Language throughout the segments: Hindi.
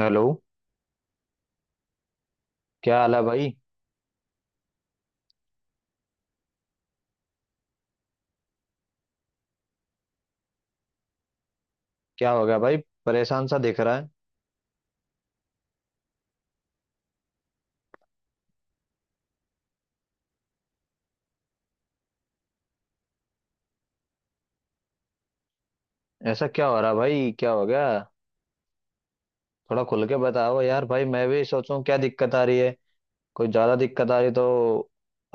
हेलो। क्या हाल है भाई? क्या हो गया भाई? परेशान सा दिख रहा है। ऐसा क्या हो रहा है भाई, क्या हो गया? थोड़ा खुल के बताओ यार भाई, मैं भी सोचूं क्या दिक्कत आ रही है। कोई ज्यादा दिक्कत आ रही तो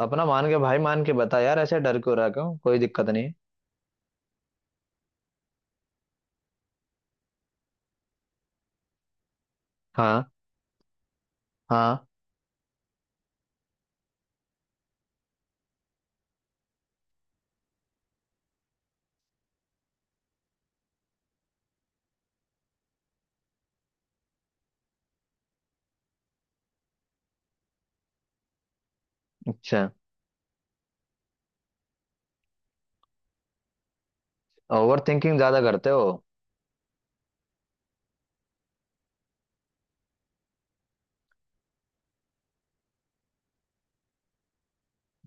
अपना मान के भाई, मान के बता यार, ऐसे डर क्यों रहा, क्यों? कोई दिक्कत नहीं है। हाँ। हाँ। अच्छा। ओवर थिंकिंग ज्यादा करते हो?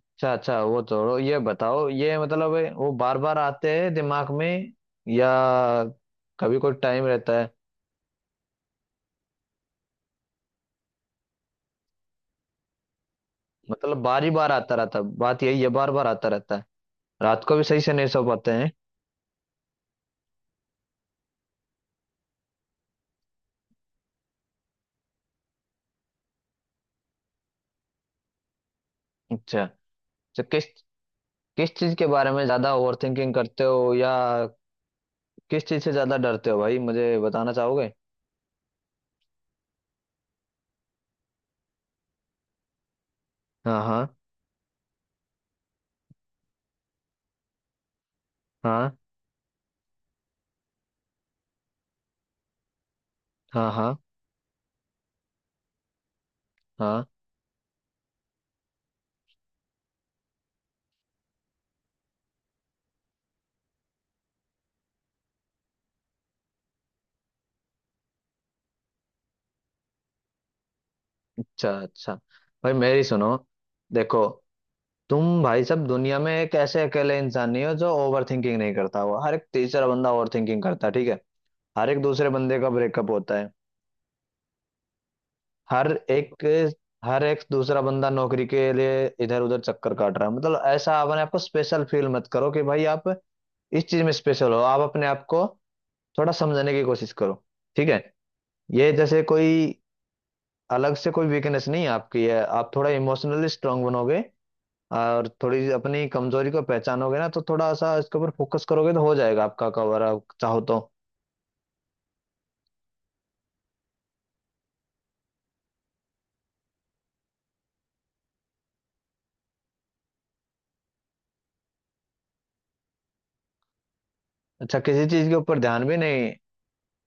अच्छा अच्छा, वो छोड़ो, ये बताओ, ये मतलब है, वो बार बार आते हैं दिमाग में या कभी कोई टाइम रहता है? मतलब बार ही बार आता रहता है, बात यही है, बार बार आता रहता है। रात को भी सही से नहीं सो पाते हैं? अच्छा। तो किस किस चीज के बारे में ज्यादा ओवर थिंकिंग करते हो, या किस चीज से ज्यादा डरते हो भाई, मुझे बताना चाहोगे? हाँ हाँ। हाँ। हाँ हाँ। हाँ। अच्छा अच्छा। भाई मेरी सुनो, देखो, तुम भाई सब दुनिया में एक ऐसे अकेले इंसान नहीं हो जो ओवर थिंकिंग नहीं करता हो। हर एक तीसरा बंदा ओवर थिंकिंग करता है, ठीक है। हर एक दूसरे बंदे का ब्रेकअप होता है। हर एक, हर एक दूसरा बंदा नौकरी के लिए इधर उधर चक्कर काट रहा है। मतलब ऐसा अपने आप को स्पेशल फील मत करो कि भाई आप इस चीज में स्पेशल हो। आप अपने आप को थोड़ा समझने की कोशिश करो, ठीक है। ये जैसे कोई अलग से कोई वीकनेस नहीं है आपकी, है? आप थोड़ा इमोशनली स्ट्रांग बनोगे और थोड़ी अपनी कमजोरी को पहचानोगे ना, तो थोड़ा सा इसके ऊपर फोकस करोगे तो हो जाएगा आपका कवर, आप चाहो तो। अच्छा, किसी चीज के ऊपर ध्यान भी नहीं।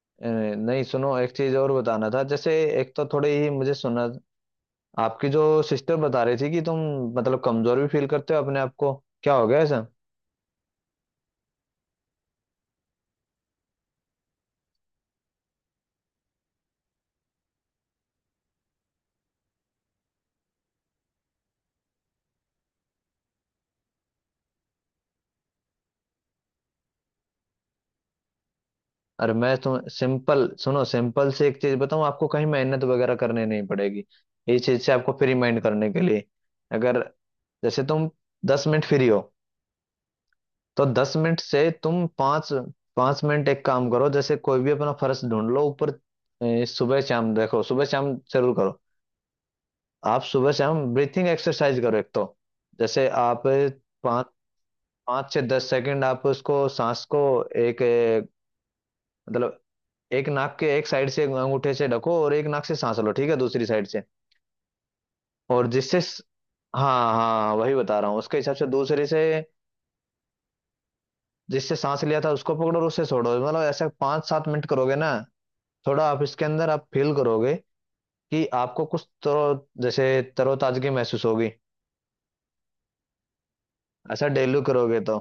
नहीं सुनो, एक चीज और बताना था जैसे, एक तो थोड़ी ही मुझे सुना। आपकी जो सिस्टर बता रही थी कि तुम मतलब कमजोर भी फील करते हो अपने आप को, क्या हो गया ऐसा? अरे मैं तुम सिंपल सुनो, सिंपल से एक चीज बताऊं आपको, कहीं मेहनत वगैरह करने नहीं पड़ेगी। इस चीज से आपको फ्री माइंड करने के लिए, अगर जैसे तुम 10 मिनट फ्री हो, तो 10 मिनट से तुम पाँच, पाँच मिनट एक काम करो। जैसे कोई भी अपना फर्श ढूंढ लो ऊपर। सुबह शाम देखो, सुबह शाम जरूर करो। आप सुबह शाम ब्रीथिंग एक्सरसाइज करो एक तो, जैसे आप पाँच, 5 से 10 सेकंड आप उसको सांस को, एक मतलब एक नाक के एक साइड से अंगूठे से ढको और एक नाक से सांस लो, ठीक है, दूसरी साइड से। और जिससे हाँ हाँ, वही बता रहा हूँ, उसके हिसाब से दूसरे से, जिससे सांस लिया था उसको पकड़ो और उससे छोड़ो। मतलब ऐसा 5 से 7 मिनट करोगे ना, थोड़ा आप इसके अंदर आप फील करोगे कि आपको कुछ तो जैसे तरोताजगी महसूस होगी। ऐसा डेली करोगे तो,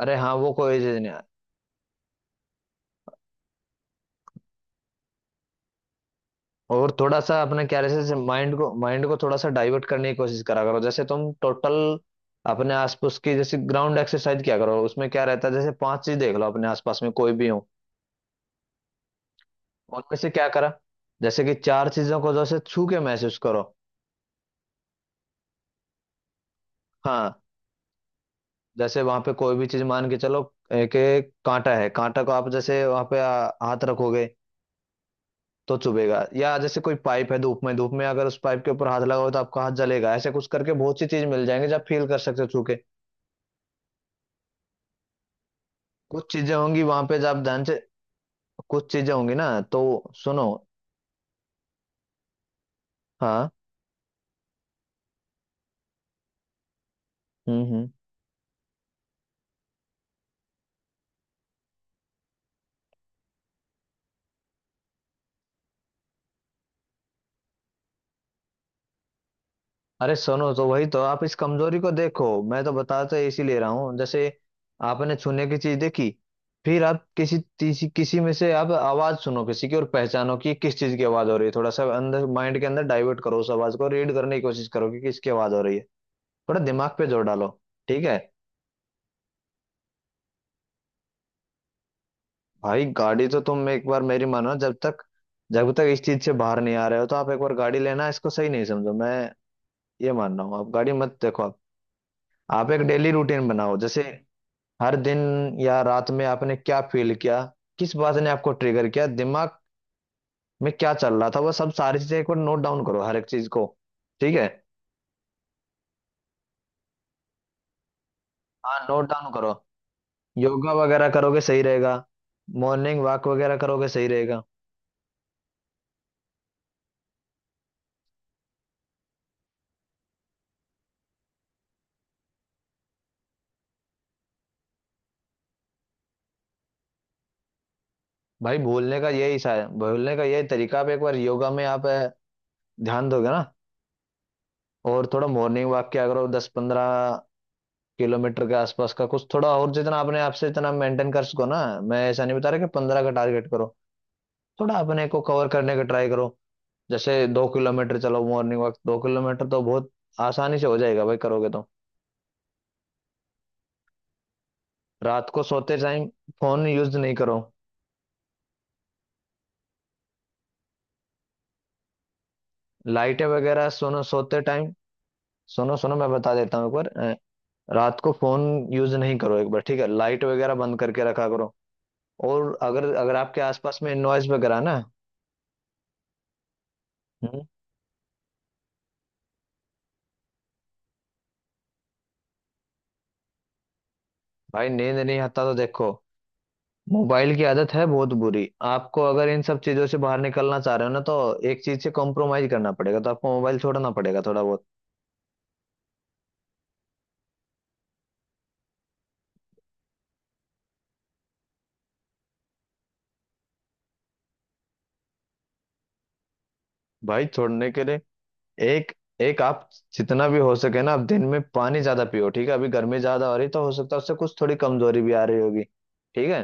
अरे हाँ वो कोई चीज नहीं। और थोड़ा सा अपने क्या रहता है, जैसे माइंड को, माइंड को थोड़ा सा डाइवर्ट करने की कोशिश करा करो। जैसे तुम टोटल अपने आसपास की जैसे ग्राउंड एक्सरसाइज क्या करो, उसमें क्या रहता है, जैसे 5 चीज देख लो अपने आसपास में, कोई भी हो। उनमें से क्या करा, जैसे कि 4 चीजों को जैसे छू के महसूस करो। हाँ। जैसे वहां पे कोई भी चीज मान के चलो, एक एक कांटा है, कांटा को आप जैसे वहां पे हाथ रखोगे तो चुभेगा, या जैसे कोई पाइप है, धूप में, धूप में अगर उस पाइप के ऊपर हाथ लगाओ तो आपका हाथ जलेगा। ऐसे कुछ करके बहुत सी चीज मिल जाएंगे, जब फील कर सकते हो छू के। कुछ चीजें होंगी वहां पे जब आप ध्यान से, कुछ चीजें होंगी ना, तो सुनो। हाँ। हम्म। अरे सुनो, तो वही तो आप इस कमजोरी को देखो, मैं तो बताता इसीलिए रहा हूँ। जैसे आपने छूने की चीज देखी, फिर आप किसी किसी में से आप आवाज सुनो किसी की, और पहचानो कि किस चीज की आवाज हो रही है। थोड़ा सा अंदर माइंड के अंदर डाइवर्ट करो, उस आवाज को रीड करने की कोशिश करो कि किसकी आवाज हो रही है। थोड़ा दिमाग पे जोर डालो, ठीक है। भाई गाड़ी तो तुम एक बार मेरी मानो, जब तक इस चीज से बाहर नहीं आ रहे हो, तो आप एक बार गाड़ी लेना इसको सही नहीं समझो। मैं ये मान रहा हूँ, आप गाड़ी मत देखो। आप एक डेली रूटीन बनाओ, जैसे हर दिन या रात में आपने क्या फील किया, किस बात ने आपको ट्रिगर किया, दिमाग में क्या चल रहा था, वो सब सारी चीजें एक बार नोट डाउन करो, हर एक चीज को, ठीक है। हाँ नोट डाउन करो। योगा वगैरह करोगे सही रहेगा, मॉर्निंग वॉक वगैरह करोगे सही रहेगा। भाई भूलने का यही सा, भूलने का यही तरीका, आप एक बार योगा में आप ध्यान दोगे ना, और थोड़ा मॉर्निंग वॉक किया करो, 10-15 किलोमीटर के आसपास का कुछ, थोड़ा और जितना अपने आप से इतना मेंटेन कर सको ना। मैं ऐसा नहीं बता रहा कि 15 का टारगेट करो, थोड़ा अपने को कवर करने का ट्राई करो। जैसे 2 किलोमीटर चलो मॉर्निंग वॉक, 2 किलोमीटर तो बहुत आसानी से हो जाएगा भाई, करोगे तो। रात को सोते टाइम फोन यूज नहीं करो, लाइटें वगैरह सोनो सोते टाइम, सुनो सुनो मैं बता देता हूँ एक बार, रात को फोन यूज नहीं करो एक बार, ठीक है, लाइट वगैरह बंद करके रखा करो। और अगर अगर आपके आसपास में नॉइज वगैरह ना, हम्म, भाई नींद नहीं आता तो देखो मोबाइल की आदत है बहुत बुरी। आपको अगर इन सब चीजों से बाहर निकलना चाह रहे हो ना, तो एक चीज से कॉम्प्रोमाइज करना पड़ेगा, तो आपको मोबाइल छोड़ना पड़ेगा थोड़ा बहुत। भाई छोड़ने के लिए एक एक आप जितना भी हो सके ना, आप दिन में पानी ज्यादा पियो, ठीक है। अभी गर्मी ज्यादा हो रही, तो हो सकता है उससे कुछ थोड़ी कमजोरी भी आ रही होगी, ठीक है।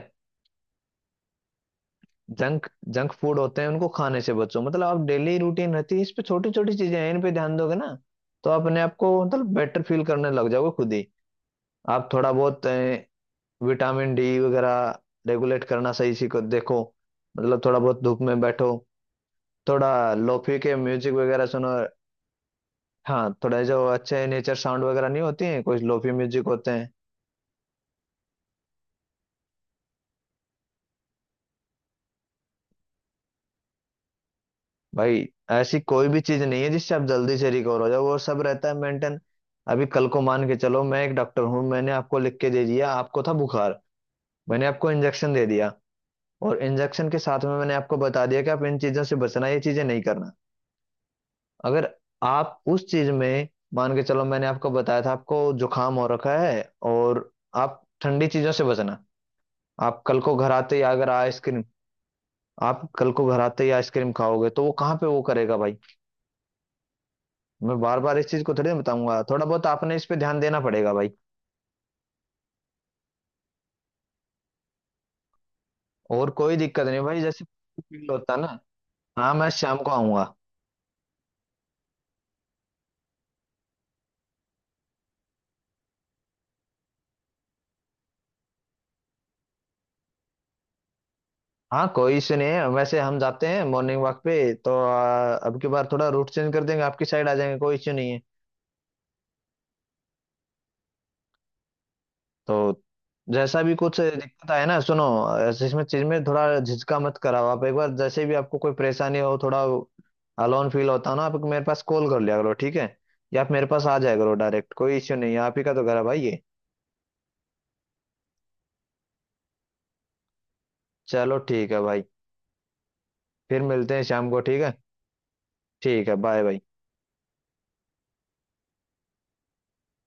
जंक जंक फूड होते हैं उनको खाने से बचो। मतलब आप डेली रूटीन रहती है, इस पे छोटी छोटी चीजें हैं, इन पे ध्यान दोगे ना, तो आप अपने आप को मतलब बेटर फील करने लग जाओगे खुद ही। आप थोड़ा बहुत विटामिन डी वगैरह रेगुलेट करना सही से देखो, मतलब थोड़ा बहुत धूप में बैठो, थोड़ा लोफी के म्यूजिक वगैरह सुनो। हाँ, थोड़ा जो अच्छे नेचर साउंड वगैरह नहीं होती हैं, कुछ लोफी म्यूजिक होते हैं। भाई ऐसी कोई भी चीज नहीं है जिससे आप जल्दी से रिकवर हो जाओ, वो सब रहता है मेंटेन। अभी कल को मान के चलो मैं एक डॉक्टर हूँ, मैंने आपको लिख के दे दिया, आपको था बुखार, मैंने आपको इंजेक्शन दे दिया, और इंजेक्शन के साथ में मैंने आपको बता दिया कि आप इन चीजों से बचना, ये चीजें नहीं करना। अगर आप उस चीज में, मान के चलो मैंने आपको बताया था आपको जुकाम हो रखा है, और आप ठंडी चीजों से बचना, आप कल को घर आते ही अगर आइसक्रीम, आप कल को घर आते ही आइसक्रीम खाओगे तो वो कहाँ पे वो करेगा भाई। मैं बार बार इस चीज को थोड़ी ना बताऊंगा, थोड़ा बहुत आपने इस पे ध्यान देना पड़ेगा भाई। और कोई दिक्कत नहीं भाई, जैसे फील होता है ना। हाँ मैं शाम को आऊंगा। हाँ कोई इशू नहीं है, वैसे हम जाते हैं मॉर्निंग वॉक पे, तो अब की बार थोड़ा रूट चेंज कर देंगे, आपकी साइड आ जाएंगे, कोई इश्यू नहीं है। तो जैसा भी कुछ दिक्कत आए ना सुनो, ऐसे इसमें चीज में थोड़ा झिझका मत कराओ, आप एक बार जैसे भी आपको कोई परेशानी हो, थोड़ा अलोन फील होता हो ना, आप मेरे पास कॉल कर लिया करो, ठीक है, या आप मेरे पास आ जाया करो डायरेक्ट, कोई इश्यू नहीं है, आप ही का तो घर है भाई ये। चलो ठीक है भाई, फिर मिलते हैं शाम को, ठीक है। ठीक है, बाय बाय।